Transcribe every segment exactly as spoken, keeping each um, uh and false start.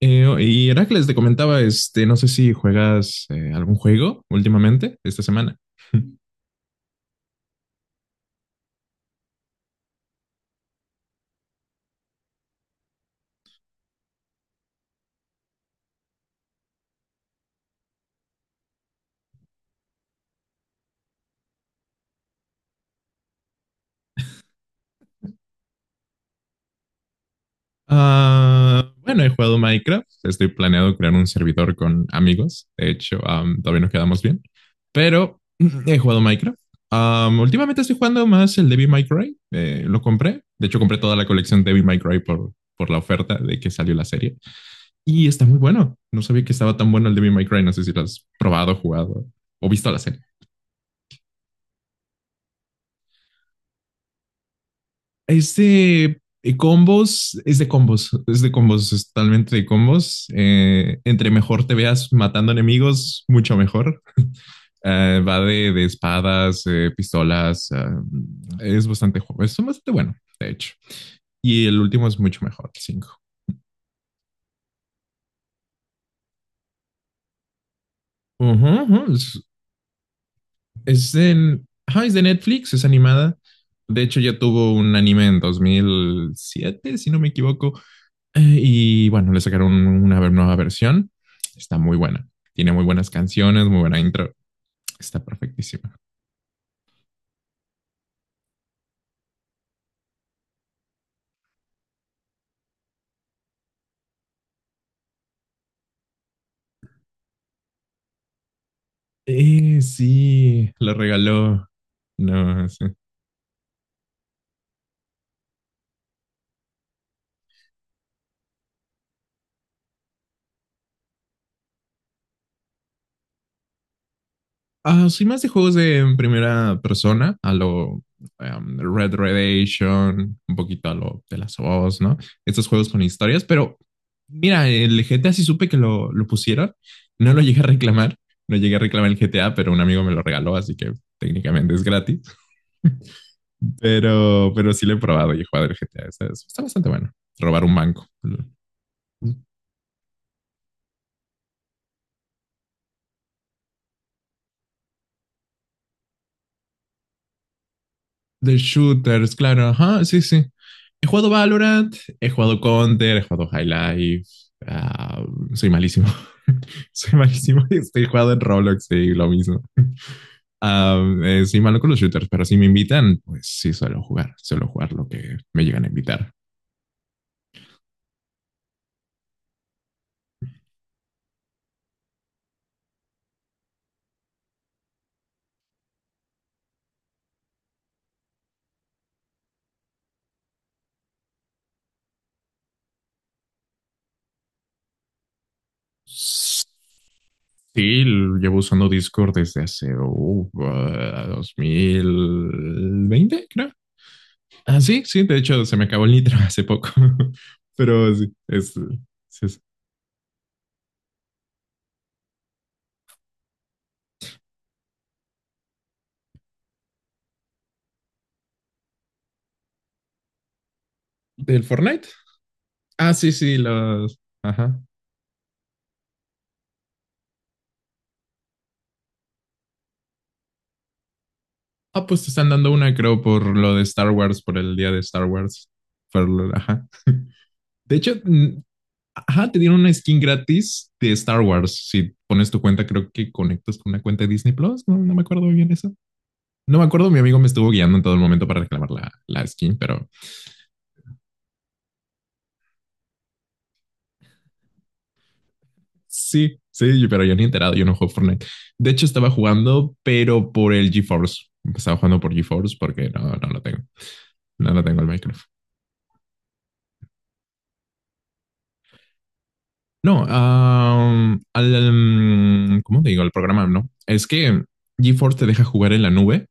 Eh, y Heracles te comentaba, este, no sé si juegas eh, algún juego últimamente, esta semana. Ah, bueno, he jugado Minecraft. Estoy planeado crear un servidor con amigos. De hecho, am, todavía nos quedamos bien. Pero he jugado Minecraft. Am, últimamente estoy jugando más el Devil May Cry. Eh, lo compré. De hecho, compré toda la colección Devil May Cry por, por la oferta de que salió la serie. Y está muy bueno. No sabía que estaba tan bueno el Devil May Cry. No sé si lo has probado, jugado o visto la serie. Es de eh, combos, es de combos, es de combos, es totalmente de combos. Eh, entre mejor te veas matando enemigos, mucho mejor. Eh, va de, de espadas, eh, pistolas, ah, es bastante, ju- es bastante bueno, de hecho. Y el último es mucho mejor, el cinco. Es, es en- ajá, es de Netflix, es animada. De hecho, ya tuvo un anime en dos mil siete, si no me equivoco. Eh, y bueno, le sacaron una nueva versión. Está muy buena. Tiene muy buenas canciones, muy buena intro. Está perfectísima. Eh, sí, lo regaló. No, sí. Ah, soy más de juegos de en primera persona, a lo em, Red Redemption, un poquito a lo de las Us, ¿no? Estos juegos con historias, pero mira, el G T A sí supe que lo, lo pusieron, no lo llegué a reclamar, no llegué a reclamar el G T A, pero un amigo me lo regaló, así que técnicamente es gratis, pero, pero sí lo he probado y he jugado el G T A, está, está bastante bueno, robar un banco. De shooters, claro, ajá, sí, sí. He jugado Valorant, he jugado Counter, he jugado High Life. ah, Soy malísimo. Soy malísimo. Estoy jugando en Roblox, sí, lo mismo. Ah, eh, soy malo con los shooters, pero si me invitan, pues sí, suelo jugar. Suelo jugar lo que me llegan a invitar. Sí, llevo usando Discord desde hace uh, dos mil veinte creo. Ah, sí, sí, de hecho se me acabó el nitro hace poco, pero sí, es, sí, es- del Fortnite. Ah, sí, sí, los. Ajá. Ah, pues te están dando una, creo, por lo de Star Wars, por el día de Star Wars. Por lo- ajá. De hecho, mm, ajá, te dieron una skin gratis de Star Wars. Si pones tu cuenta, creo que conectas con una cuenta de Disney Plus. No, no me acuerdo bien eso. No me acuerdo, mi amigo me estuvo guiando en todo el momento para reclamar la, la skin, pero sí, sí, pero yo ni he enterado, yo no juego Fortnite. De hecho, estaba jugando, pero por el GeForce. Estaba jugando por GeForce porque no, no lo tengo. No lo tengo el Minecraft. No, um, al, um, ¿cómo te digo? El programa, ¿no? Es que GeForce te deja jugar en la nube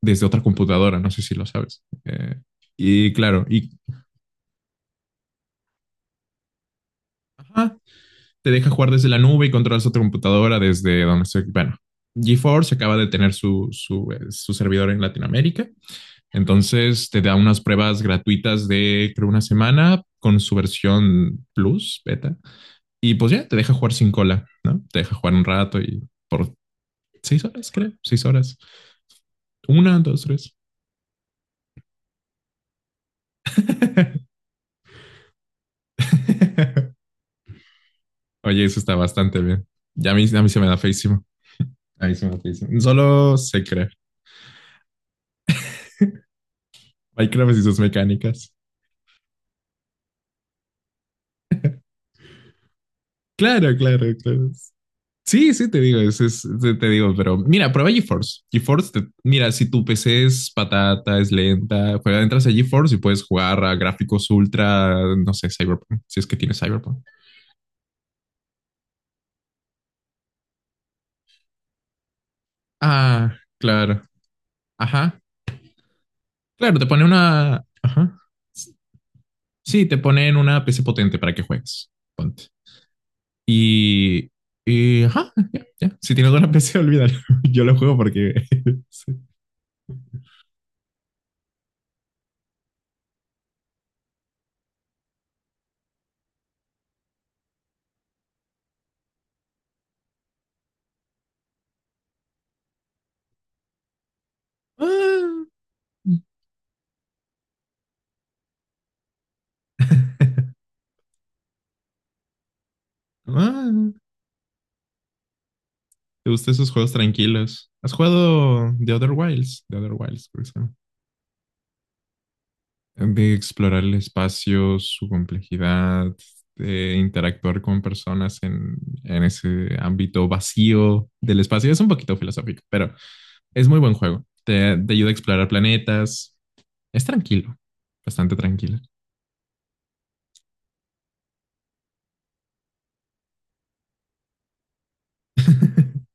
desde otra computadora, no sé si lo sabes. Eh, y claro, y ajá, te deja jugar desde la nube y controlas otra computadora desde donde estoy. Bueno, GeForce acaba de tener su, su, eh, su servidor en Latinoamérica. Entonces te da unas pruebas gratuitas de creo una semana con su versión plus, beta. Y pues ya te deja jugar sin cola, ¿no? Te deja jugar un rato y por seis horas, creo, seis horas. Una, dos, tres. Oye, eso está bastante bien. Ya a mí, a mí se me da feísimo. A mí se me da feísimo. Solo sé creer. Minecraft y sus mecánicas. Claro, claro, claro. Sí, sí, te digo, es, es- te te digo, pero mira, prueba GeForce. GeForce, te- mira, si tu P C es patata, es lenta, juega, entras a GeForce y puedes jugar a gráficos ultra, no sé, Cyberpunk, si es que tienes Cyberpunk. Ah, claro, ajá, claro, te pone una, ajá, sí, te ponen una P C potente para que juegues, ponte. Y, y ajá, ya, ya. Si tiene alguna P C, olvídalo. Yo lo juego porque sí. Ah. Ah, ¿te gustan esos juegos tranquilos? ¿Has jugado The Other Wilds? The Other Wilds, por ejemplo. De explorar el espacio, su complejidad, de interactuar con personas en, en ese ámbito vacío del espacio. Es un poquito filosófico, pero es muy buen juego. Te, te ayuda a explorar planetas. Es tranquilo, bastante tranquilo.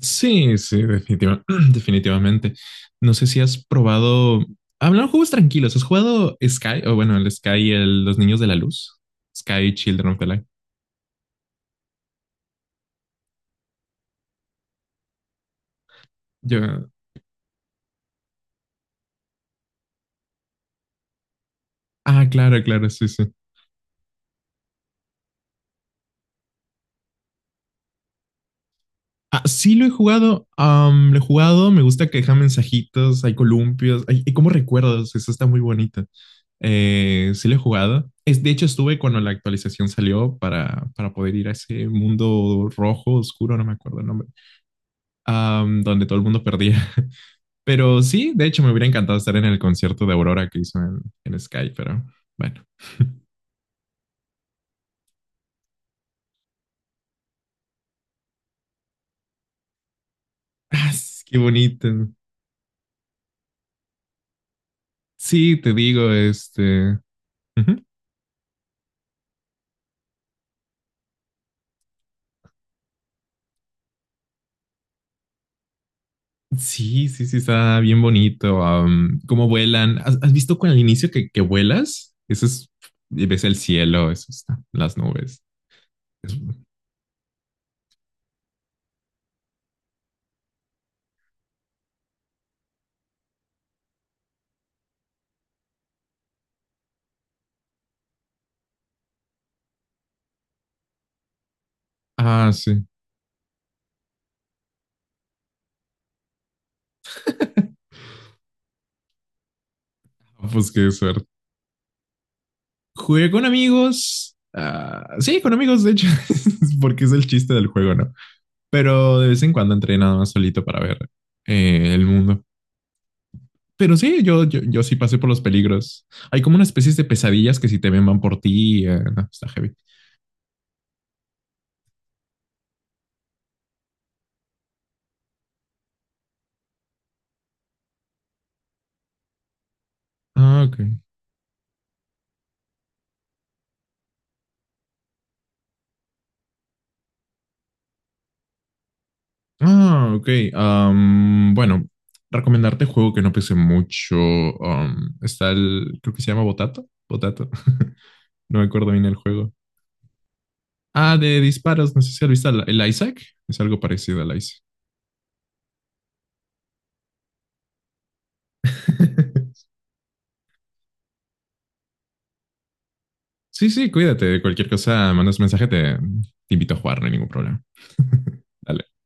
Sí, sí, definitiva- definitivamente. No sé si has probado. Hablando de juegos tranquilos, ¿has jugado Sky? O bueno, el Sky, el, Los Niños de la Luz. Sky Children of the Light. Yo... Ah, claro, claro, sí, sí. Ah, sí lo he jugado, am, lo he jugado, me gusta que deja mensajitos, hay columpios, hay, hay como recuerdos, eso está muy bonito. Eh, sí lo he jugado. Es, de hecho, estuve cuando la actualización salió para, para poder ir a ese mundo rojo, oscuro, no me acuerdo el nombre, am, donde todo el mundo perdía. Pero sí, de hecho, me hubiera encantado estar en el concierto de Aurora que hizo en, en Sky, pero bueno. Ah, sí, qué bonito. Sí, te digo, este... ujú. Sí, sí, sí, está bien bonito. Am, cómo vuelan. ¿Has, has visto con el inicio que, que vuelas? Eso es, y ves el cielo, eso está, las nubes. Es- ah, sí. Ah, pues qué suerte. Jugué con amigos. Ah, sí, con amigos, de hecho, porque es el chiste del juego, ¿no? Pero de vez en cuando entré nada más solito para ver eh, el mundo. Pero sí, yo, yo, yo sí pasé por los peligros. Hay como una especie de pesadillas que si te ven van por ti. Eh, no, está heavy. Ah, ok. Ah, ok. Am, bueno, recomendarte juego que no pese mucho. Am, está el, creo que se llama Botato. Botato. No me acuerdo bien el juego. Ah, de disparos. No sé si has visto el el Isaac. Es algo parecido al Isaac. Sí, sí, cuídate. Cualquier cosa, mandas mensaje, te, te invito a jugar, no hay ningún problema. Dale.